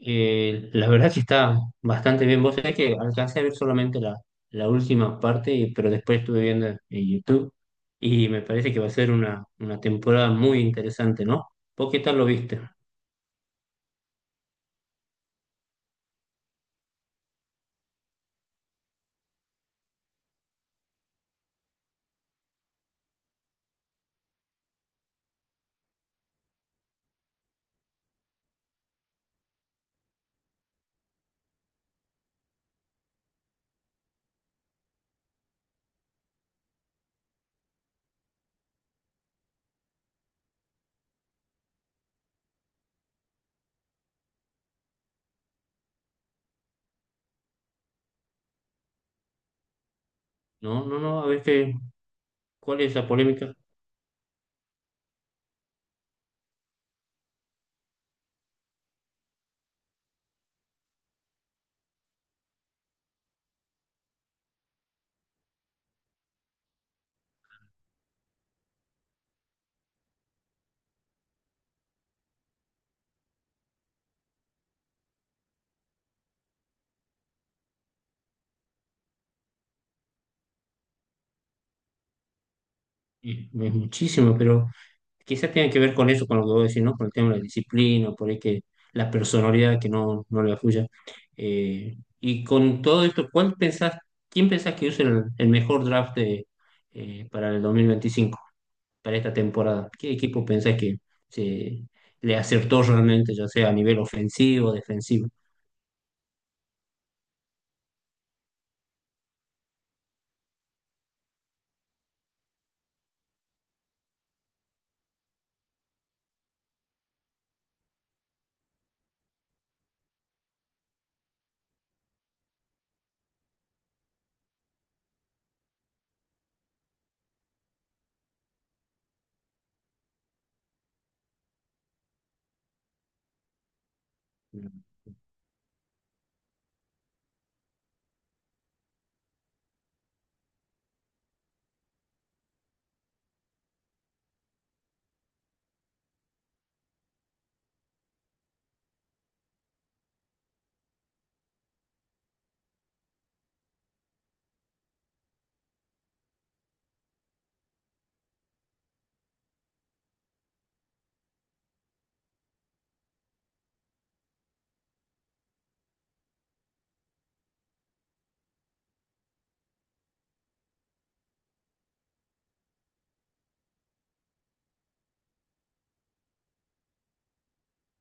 La verdad que está bastante bien. Vos sabés que alcancé a ver solamente la última parte, pero después estuve viendo en YouTube y me parece que va a ser una temporada muy interesante, ¿no? ¿Vos qué tal lo viste? No, no, no, a ver cuál es la polémica. Es muchísimo, pero quizás tenga que ver con eso, con lo que vos decís, ¿no? Con el tema de la disciplina, por ahí que la personalidad que no le afluya. Y con todo esto, ¿quién pensás que use el mejor draft de, para el 2025 para esta temporada? ¿Qué equipo pensás que se, le acertó realmente, ya sea a nivel ofensivo, defensivo?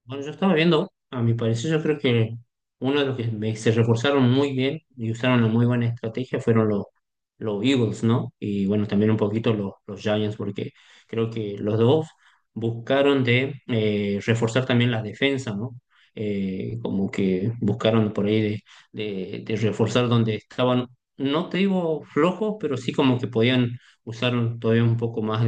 Bueno, yo estaba viendo, a mi parecer, yo creo que uno de los que se reforzaron muy bien y usaron una muy buena estrategia fueron los Eagles, ¿no? Y bueno, también un poquito los Giants, porque creo que los dos buscaron de reforzar también la defensa, ¿no? Como que buscaron por ahí de reforzar donde estaban, no te digo flojos, pero sí como que podían usar todavía un poco más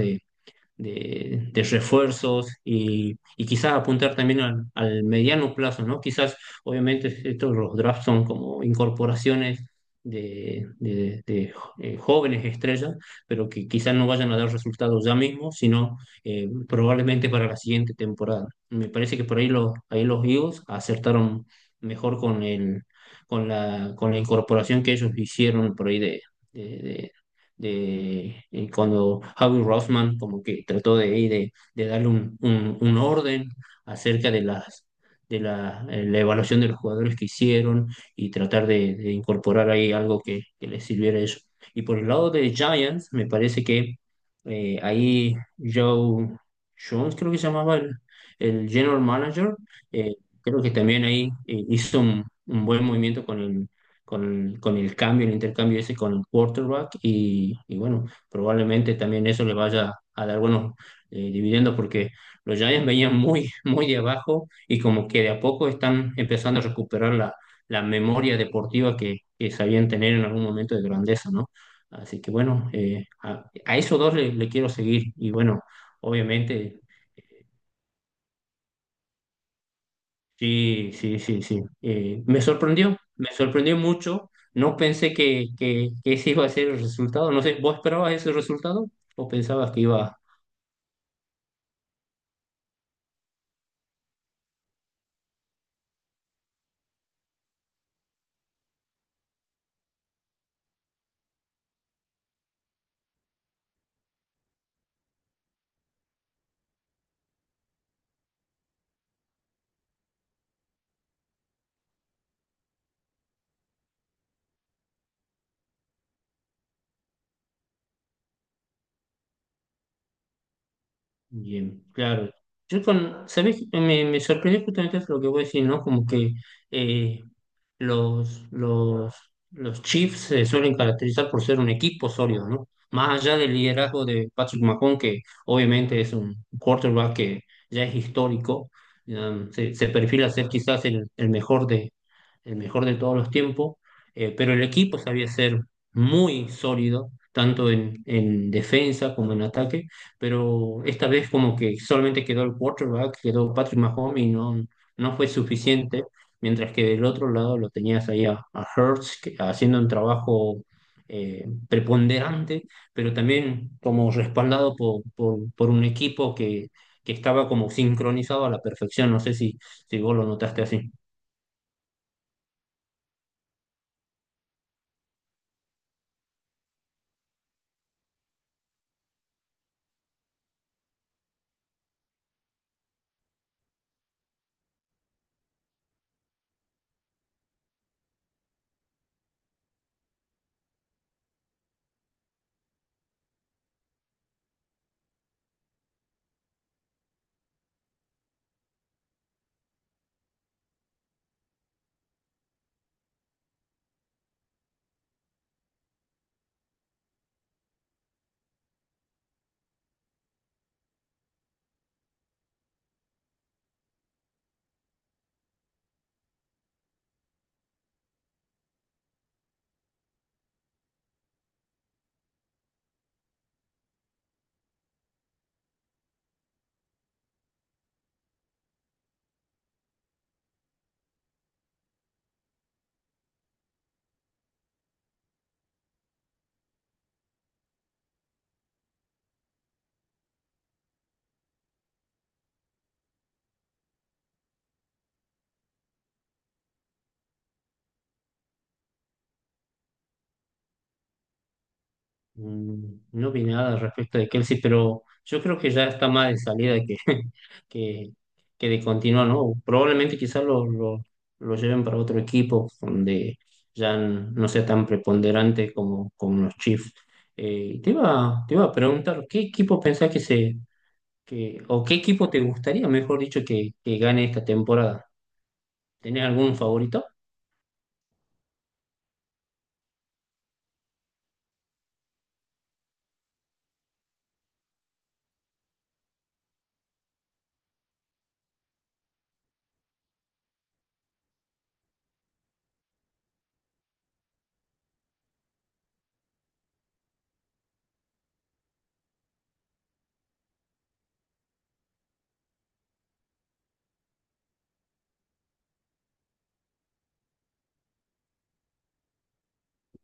de refuerzos y quizás apuntar también al mediano plazo, ¿no? Quizás, obviamente, estos los drafts son como incorporaciones de jóvenes estrellas, pero que quizás no vayan a dar resultados ya mismo, sino probablemente para la siguiente temporada. Me parece que por ahí ahí los Eagles acertaron mejor con con la incorporación que ellos hicieron por ahí de, de cuando Howie Roseman como que trató de, ahí de darle un orden acerca de la evaluación de los jugadores que hicieron y tratar de incorporar ahí algo que les sirviera a ellos. Y por el lado de Giants, me parece que ahí Joe Jones, creo que se llamaba el general manager, eh, creo que también ahí hizo un buen movimiento con con el cambio, el intercambio ese con el quarterback y bueno, probablemente también eso le vaya a dar buenos dividendos porque los Giants venían muy, muy de abajo y como que de a poco están empezando a recuperar la memoria deportiva que sabían tener en algún momento de grandeza, ¿no? Así que bueno, a esos dos le quiero seguir y bueno, obviamente sí, sí, sí, sí. Me sorprendió mucho. No pensé que ese iba a ser el resultado. No sé, ¿vos esperabas ese resultado o pensabas que iba bien? Claro. Yo con, ¿sabés? Me sorprendió justamente lo que voy a decir, ¿no? Como que eh, Los, los, los Chiefs se suelen caracterizar por ser un equipo sólido, ¿no? Más allá del liderazgo de Patrick Mahomes, que obviamente es un quarterback que ya es histórico, se perfila ser quizás el mejor de todos los tiempos, pero el equipo sabía ser muy sólido, tanto en defensa como en ataque, pero esta vez como que solamente quedó el quarterback, quedó Patrick Mahomes y no, no fue suficiente mientras que del otro lado lo tenías ahí a Hertz haciendo un trabajo preponderante, pero también como respaldado por un equipo que estaba como sincronizado a la perfección. No sé si, si vos lo notaste así. Mm, no vi nada al respecto de Kelsey, pero yo creo que ya está más de salida que, que, que de continuar, ¿no? Probablemente quizás lo lleven para otro equipo donde ya no sea tan preponderante como, como los Chiefs. Te iba a preguntar, ¿qué equipo pensás que o qué equipo te gustaría, mejor dicho, que gane esta temporada? ¿Tenés algún favorito?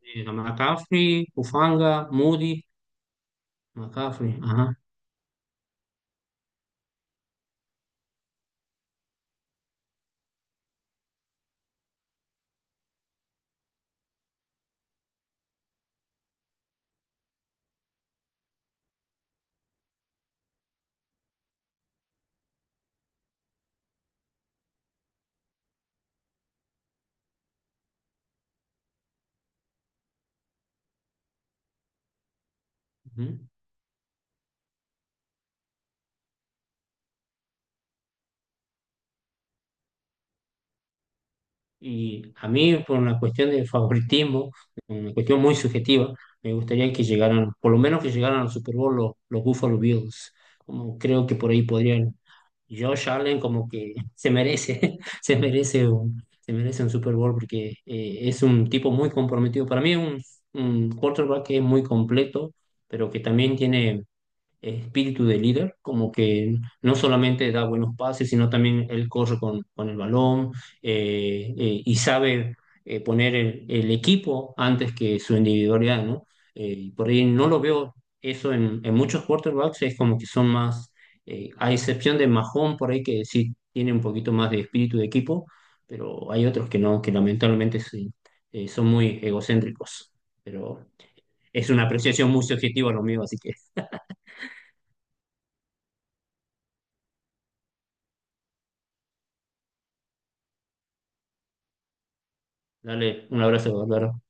McCaffrey, Ufanga, Moody, McCaffrey, ajá. Y a mí, por una cuestión de favoritismo, una cuestión muy subjetiva, me gustaría que llegaran, por lo menos que llegaran al Super Bowl los Buffalo Bills. Como creo que por ahí podrían. Josh Allen como que se merece, se merece un Super Bowl porque es un tipo muy comprometido. Para mí es un quarterback que es muy completo, pero que también tiene espíritu de líder, como que no solamente da buenos pases, sino también él corre con el balón y sabe poner el equipo antes que su individualidad, ¿no? Y por ahí no lo veo eso en muchos quarterbacks, es como que son más, a excepción de Mahón por ahí que sí tiene un poquito más de espíritu de equipo, pero hay otros que no, que lamentablemente sí, son muy egocéntricos, pero es una apreciación muy subjetiva lo mío, así que... Dale, un abrazo, Álvaro.